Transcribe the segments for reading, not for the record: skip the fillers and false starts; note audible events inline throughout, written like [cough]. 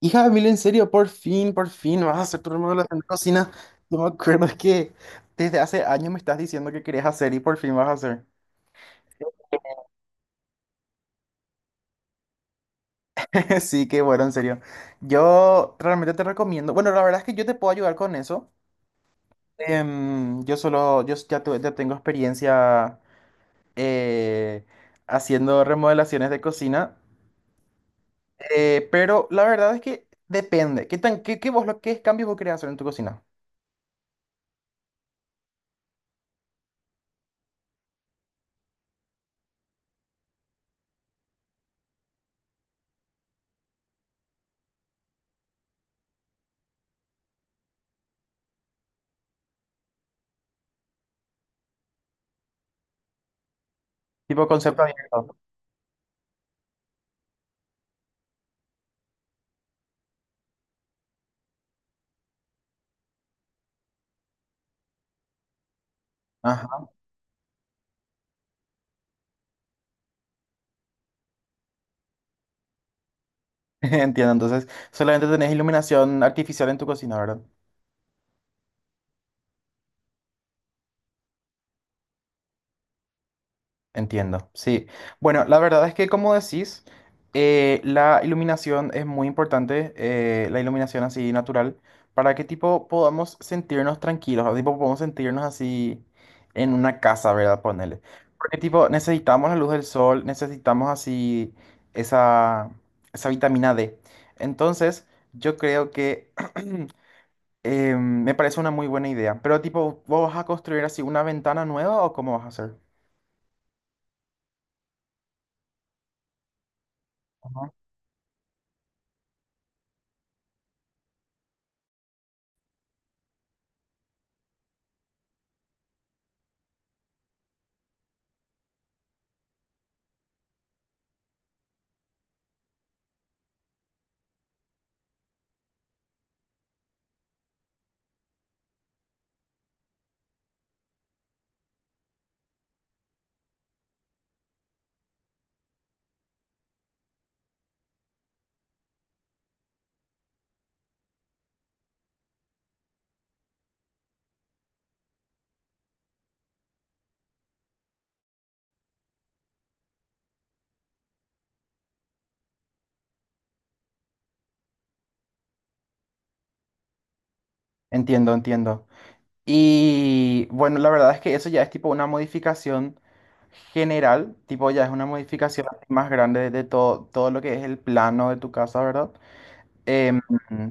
Hija de mil, en serio, por fin vas a hacer tu remodelación de cocina. No me acuerdo que desde hace años me estás diciendo que querías hacer y por fin vas a hacer. [laughs] Sí, qué bueno, en serio. Yo realmente te recomiendo. Bueno, la verdad es que yo te puedo ayudar con eso. Yo solo, yo ya, ya tengo experiencia eh, haciendo remodelaciones de cocina, pero la verdad es que depende. ¿Qué tan, qué, qué vos, lo, qué cambios vos querés hacer en tu cocina? Tipo concepto abierto. [laughs] Entiendo, entonces solamente tenés iluminación artificial en tu cocina, ¿verdad? Entiendo, sí. Bueno, la verdad es que como decís, la iluminación es muy importante, la iluminación así natural, para que tipo podamos sentirnos tranquilos, o tipo podamos sentirnos así en una casa, ¿verdad? Ponele. Porque tipo necesitamos la luz del sol, necesitamos así esa, esa vitamina D. Entonces, yo creo que... me parece una muy buena idea. Pero tipo, ¿vos vas a construir así una ventana nueva o cómo vas a hacer? Ajá. Entiendo, entiendo. Y bueno, la verdad es que eso ya es tipo una modificación general, tipo ya es una modificación más grande de todo, todo lo que es el plano de tu casa, ¿verdad? em,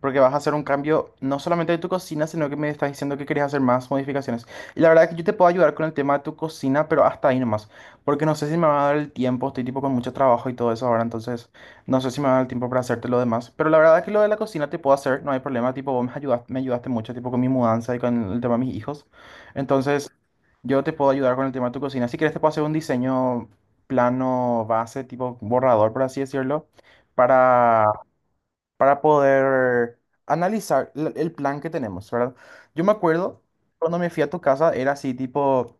Porque vas a hacer un cambio no solamente de tu cocina, sino que me estás diciendo que querías hacer más modificaciones. Y la verdad es que yo te puedo ayudar con el tema de tu cocina, pero hasta ahí nomás, porque no sé si me va a dar el tiempo, estoy tipo con mucho trabajo y todo eso ahora, entonces no sé si me va a dar el tiempo para hacerte lo demás. Pero la verdad es que lo de la cocina te puedo hacer, no hay problema, tipo vos me ayudaste mucho, tipo con mi mudanza y con el tema de mis hijos. Entonces yo te puedo ayudar con el tema de tu cocina. Si quieres te puedo hacer un diseño plano base, tipo borrador, por así decirlo. para para poder analizar el plan que tenemos, ¿verdad? Yo me acuerdo cuando me fui a tu casa, era así, tipo,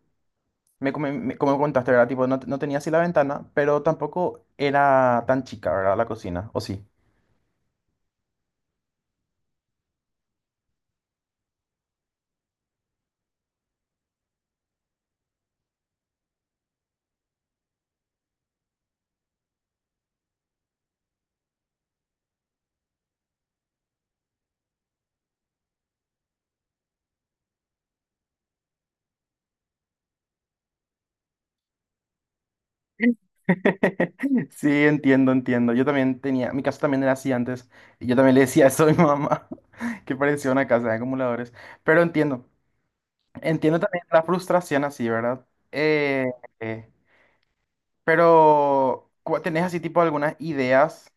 como me contaste, ¿verdad? Tipo, no, no tenía así la ventana, pero tampoco era tan chica, ¿verdad? La cocina, ¿o sí? [laughs] Sí, entiendo, entiendo. Yo también tenía, mi casa también era así antes, y yo también le decía eso a mi mamá, [laughs] que parecía una casa de acumuladores, pero entiendo, entiendo también la frustración así, ¿verdad? Eh, eh, pero, ¿tenés así tipo algunas ideas?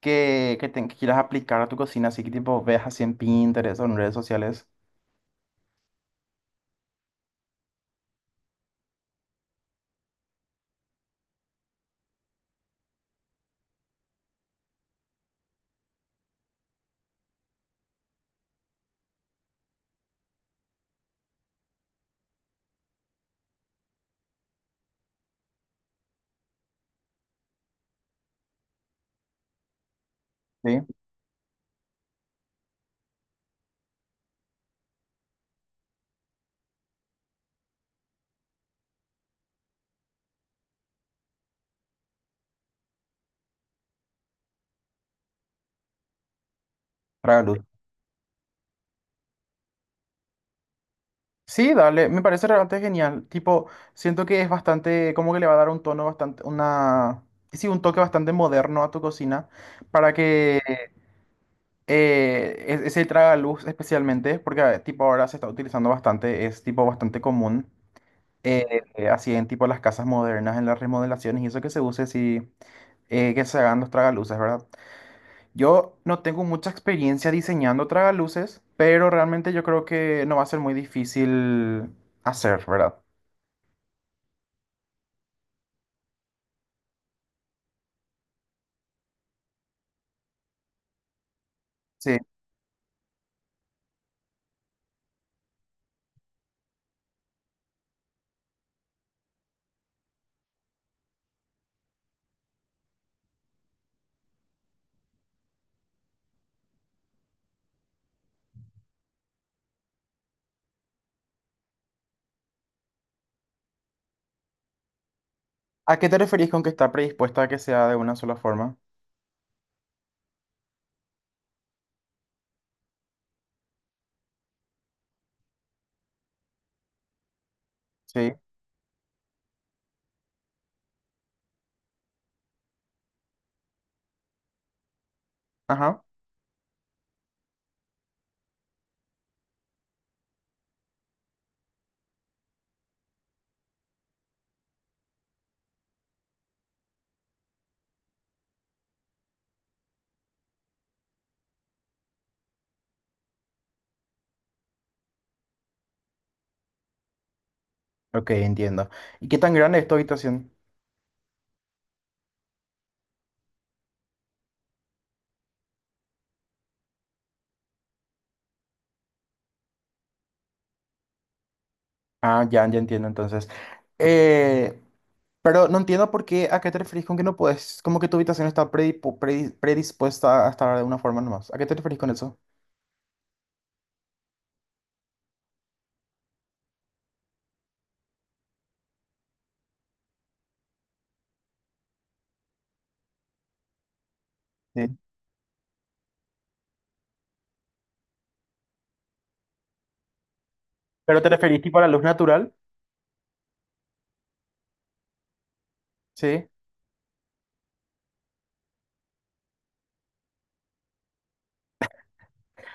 Que, que quieras aplicar a tu cocina, así que tipo veas así en Pinterest o en redes sociales, ¿sí? Para luz. Sí, dale, me parece realmente genial. Tipo, siento que es bastante, como que le va a dar un tono bastante, una, sí, un toque bastante moderno a tu cocina para que ese tragaluz especialmente, porque tipo ahora se está utilizando bastante, es tipo bastante común, así en tipo las casas modernas, en las remodelaciones y eso que se use, sí, que se hagan los tragaluces, ¿verdad? Yo no tengo mucha experiencia diseñando tragaluces, pero realmente yo creo que no va a ser muy difícil hacer, ¿verdad? Sí. ¿A qué te referís con que está predispuesta a que sea de una sola forma? Sí. Ajá. Ok, entiendo. ¿Y qué tan grande es tu habitación? Ah, ya, ya entiendo entonces. Eh, pero no entiendo por qué, ¿a qué te referís con que no puedes? Como que tu habitación está predispuesta a estar de una forma nomás. ¿A qué te referís con eso? Sí. ¿Pero te referís tipo a la luz natural? Sí.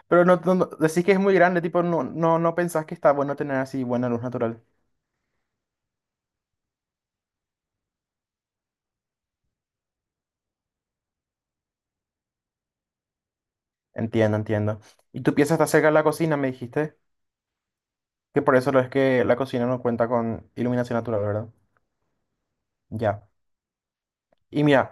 Pero no, no, decís que es muy grande, tipo, no, no, no pensás que está bueno tener así buena luz natural. Entiendo, entiendo. Y tu pieza está cerca de la cocina, me dijiste, que por eso lo es que la cocina no cuenta con iluminación natural, ¿verdad? Ya. Y mira,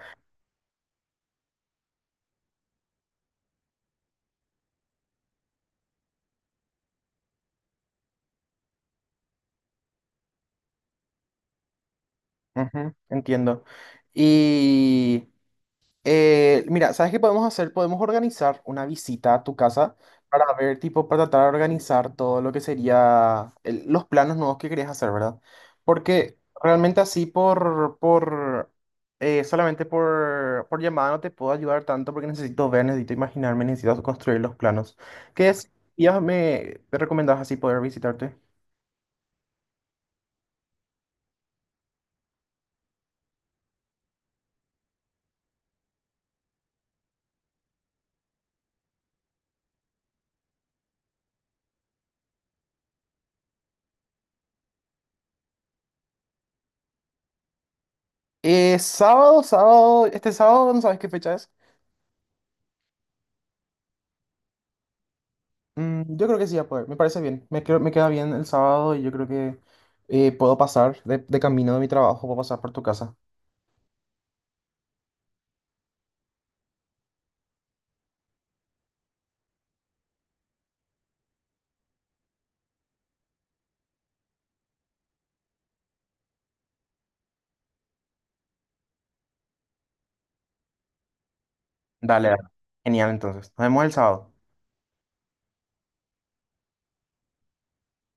ujú, entiendo. Y mira, ¿sabes qué podemos hacer? Podemos organizar una visita a tu casa para ver, tipo, para tratar de organizar todo lo que sería los planos nuevos que querías hacer, ¿verdad? Porque realmente así por solamente por llamada no te puedo ayudar tanto porque necesito ver, necesito imaginarme, necesito construir los planos. ¿Qué es? Ya me, te recomendabas así poder visitarte. Sábado, sábado, este sábado, ¿no sabes qué fecha es? Mm, yo creo que sí, a poder. Me parece bien. Me queda bien el sábado y yo creo que puedo pasar de camino de mi trabajo, puedo pasar por tu casa. Dale, dale. Genial, entonces. Nos vemos el sábado.